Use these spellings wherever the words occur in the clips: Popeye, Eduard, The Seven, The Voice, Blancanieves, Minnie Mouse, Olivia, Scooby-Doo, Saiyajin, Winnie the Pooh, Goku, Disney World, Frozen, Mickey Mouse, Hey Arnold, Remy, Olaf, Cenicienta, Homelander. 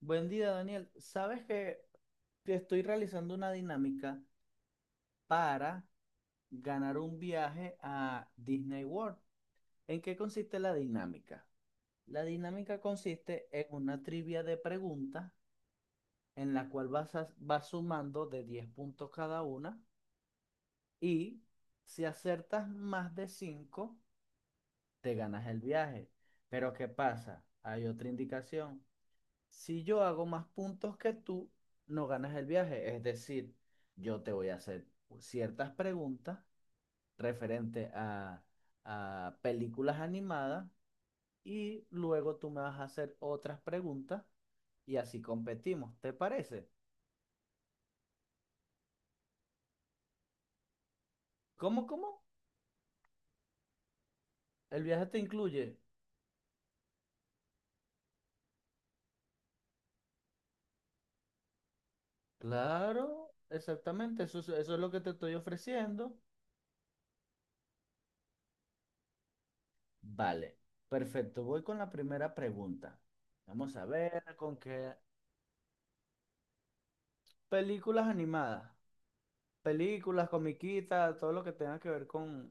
Buen día, Daniel. Sabes que te estoy realizando una dinámica para ganar un viaje a Disney World. ¿En qué consiste la dinámica? La dinámica consiste en una trivia de preguntas en la cual vas, vas sumando de 10 puntos cada una y si acertas más de 5 te ganas el viaje. Pero ¿qué pasa? Hay otra indicación. Si yo hago más puntos que tú, no ganas el viaje. Es decir, yo te voy a hacer ciertas preguntas referente a películas animadas y luego tú me vas a hacer otras preguntas y así competimos. ¿Te parece? ¿Cómo, cómo? ¿El viaje te incluye? Claro, exactamente. Eso, eso es lo que te estoy ofreciendo. Vale, perfecto. Voy con la primera pregunta. Vamos a ver con qué películas animadas. Películas, comiquitas, todo lo que tenga que ver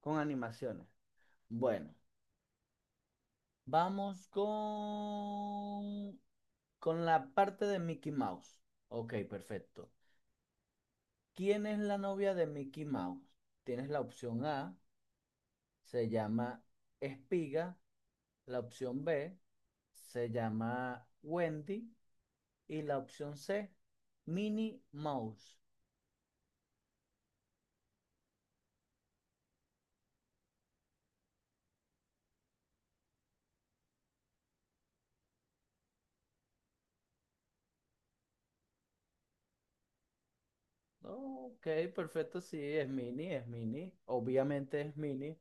con animaciones. Bueno, vamos con, con la parte de Mickey Mouse. Ok, perfecto. ¿Quién es la novia de Mickey Mouse? Tienes la opción A, se llama Espiga; la opción B, se llama Wendy; y la opción C, Minnie Mouse. Ok, perfecto, sí, es Minnie, es Minnie. Obviamente es Minnie.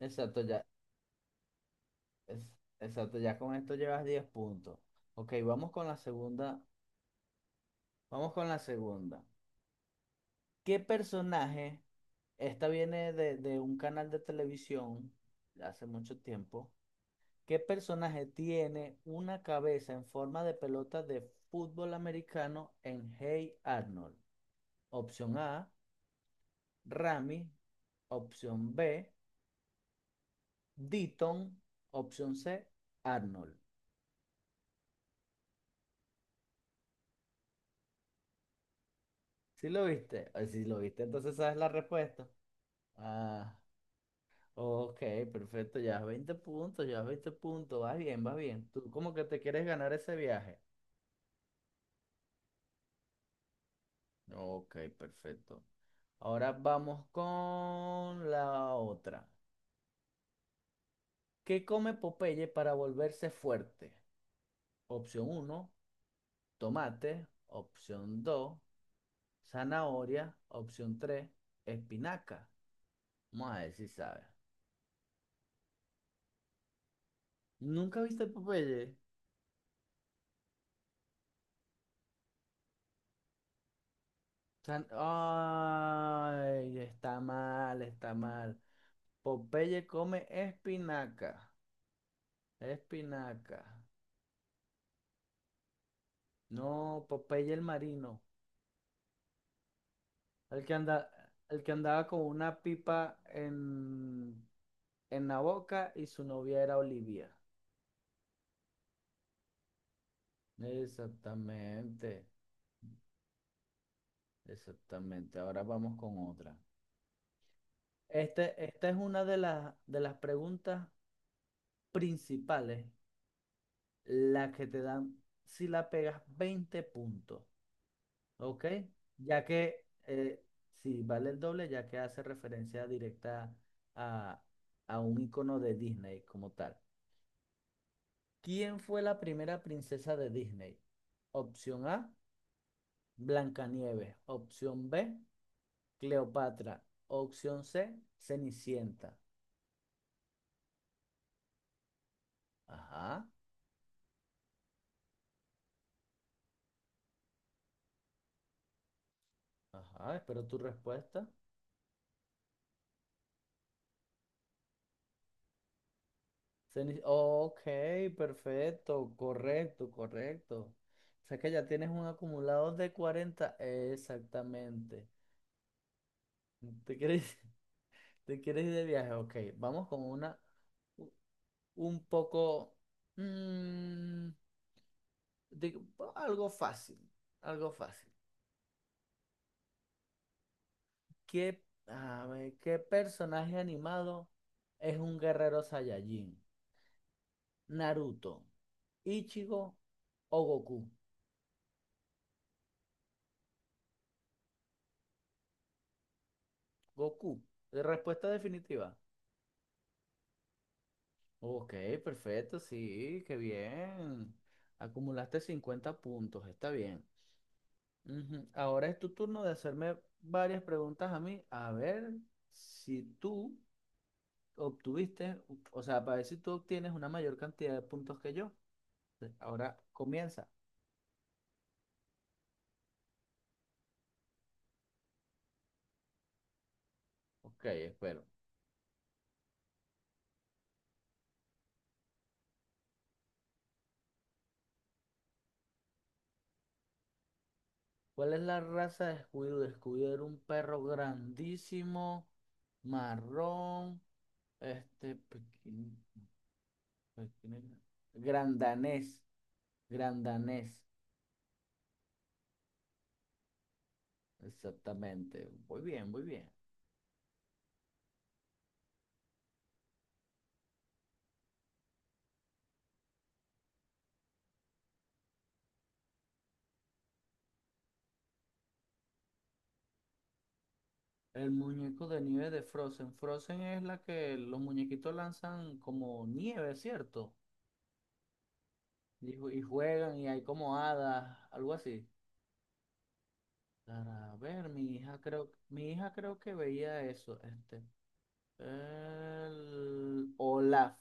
Exacto, ya, Es- exacto, ya con esto llevas 10 puntos. Ok, vamos con la segunda. Vamos con la segunda. ¿Qué personaje? Esta viene de un canal de televisión de hace mucho tiempo. ¿Qué personaje tiene una cabeza en forma de pelota de fútbol americano en Hey Arnold? Opción A, Rami. Opción B, Deaton. Opción C, Arnold. ¿Sí lo viste? Si lo viste, entonces sabes la respuesta. Ah, ok, perfecto, ya 20 puntos, vas bien, vas bien. Tú como que te quieres ganar ese viaje. Ok, perfecto. Ahora vamos con la otra. ¿Qué come Popeye para volverse fuerte? Opción uno, tomate. Opción 2, zanahoria. Opción 3, espinaca. Vamos a ver si sabes. ¿Nunca viste Popeye? Ay, está mal, está mal. Popeye come espinaca, espinaca. No, Popeye el marino, el que anda, el que andaba con una pipa en la boca y su novia era Olivia. Exactamente, exactamente. Ahora vamos con otra. Esta es una de las preguntas principales, la que te dan si la pegas 20 puntos. Ok, ya que si vale el doble, ya que hace referencia directa a, a un icono de Disney como tal. ¿Quién fue la primera princesa de Disney? Opción A, Blancanieves. Opción B, Cleopatra. Opción C, Cenicienta. Ajá, ajá, espero tu respuesta. Ok, perfecto, correcto, correcto. O sea que ya tienes un acumulado de 40. Exactamente. ¿Te quieres, te quieres ir de viaje? Ok, vamos con u- un poco... mm, digo, algo fácil, algo fácil. ¿Qué personaje animado es un guerrero Saiyajin? ¿Naruto, Ichigo o Goku? Goku. ¿De Respuesta definitiva. Ok, perfecto, sí, qué bien. Acumulaste 50 puntos, está bien. Ujú. Ahora es tu turno de hacerme varias preguntas a mí, a ver si tú obtuviste, o sea, para ver si tú obtienes una mayor cantidad de puntos que yo. Entonces, ahora comienza. Ok, espero. ¿Cuál es la raza de Scooby-Doo? Scooby-Doo era un perro grandísimo, marrón, este, pequeño, pequeño, grandanés, grandanés, exactamente. Muy bien, muy bien. El muñeco de nieve de Frozen. Frozen es la que los muñequitos lanzan como nieve, ¿cierto? Y, y juegan y hay como hadas, algo así. Para ver, mi hija creo que veía eso. Este, el Olaf.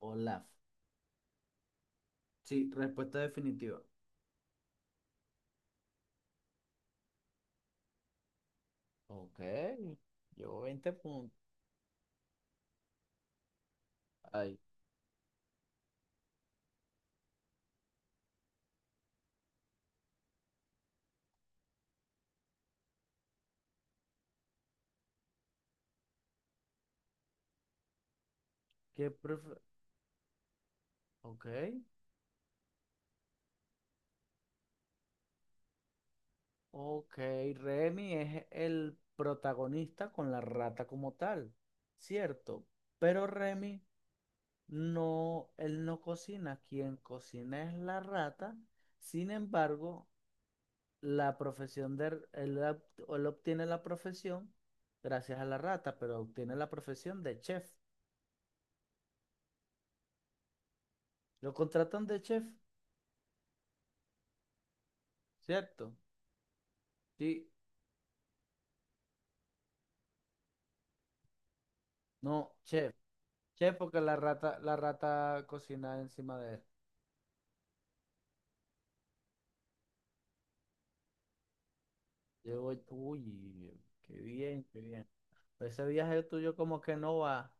Olaf. Sí, respuesta definitiva. Ok, llevo 20 puntos. Ay, ¿Qué prefe- Ok. Ok, Remy es el protagonista con la rata como tal, cierto. Pero Remy no, él no cocina, quien cocina es la rata. Sin embargo, la profesión de él obtiene la profesión gracias a la rata, pero obtiene la profesión de chef. Lo contratan de chef, cierto. Sí, no, chef, chef porque la rata cocina encima de él. Yo voy, uy, qué bien, qué bien. Ese viaje tuyo como que no va.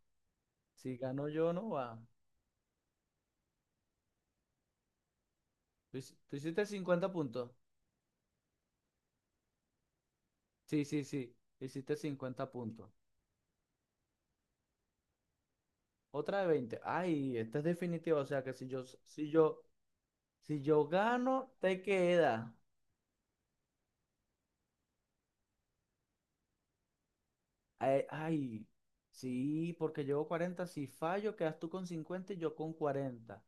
Si gano yo, no va. Tú, tú hiciste 50 puntos. Sí, sí, sí. Hiciste 50 puntos. Otra de veinte. Ay, esta es definitiva. O sea que si yo gano, te queda. Ay, ay, sí, porque llevo cuarenta. Si fallo, quedas tú con 50 y yo con cuarenta.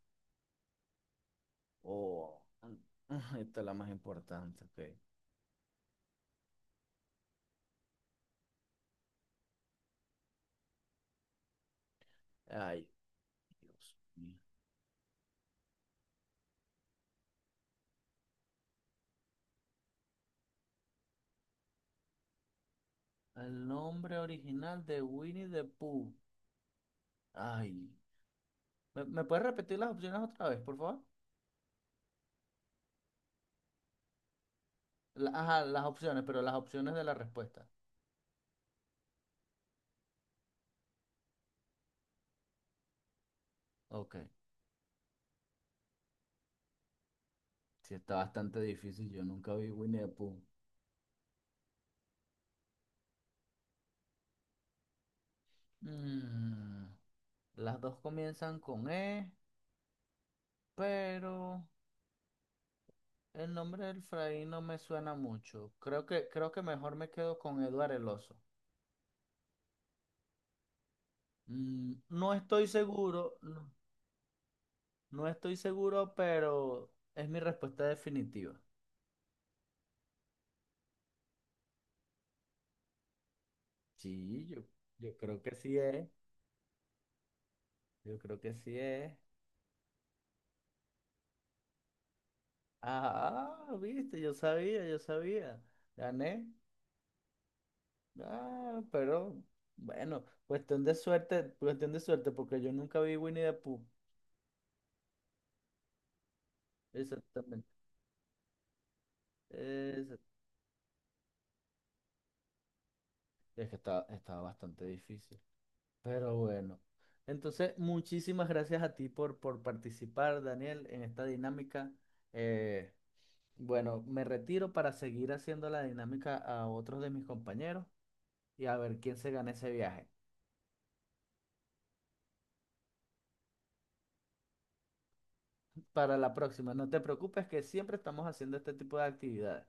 Oh, esta es la más importante. Ok. Ay, Dios mío. El nombre original de Winnie the Pooh. Ay. ¿Me, me puedes repetir las opciones otra vez, por favor? Ajá, las opciones, pero las opciones de la respuesta. Ok, sí está bastante difícil, yo nunca vi Winnie the Pooh. Mm, las dos comienzan con E, pero el nombre del Fray no me suena mucho. Creo que mejor me quedo con Eduard el Oso. Mm, no estoy seguro, no, no estoy seguro, pero es mi respuesta definitiva. Sí, yo creo que sí es. Yo creo que sí es. Ah, ah, viste, yo sabía, yo sabía. Gané. Ah, pero bueno, cuestión de suerte, porque yo nunca vi Winnie the Pooh. Exactamente. Esa- Es que estaba, estaba bastante difícil. Pero bueno. Entonces, muchísimas gracias a ti por participar, Daniel, en esta dinámica. Eh, bueno, me retiro para seguir haciendo la dinámica a otros de mis compañeros y a ver quién se gana ese viaje. Para la próxima, no te preocupes que siempre estamos haciendo este tipo de actividades.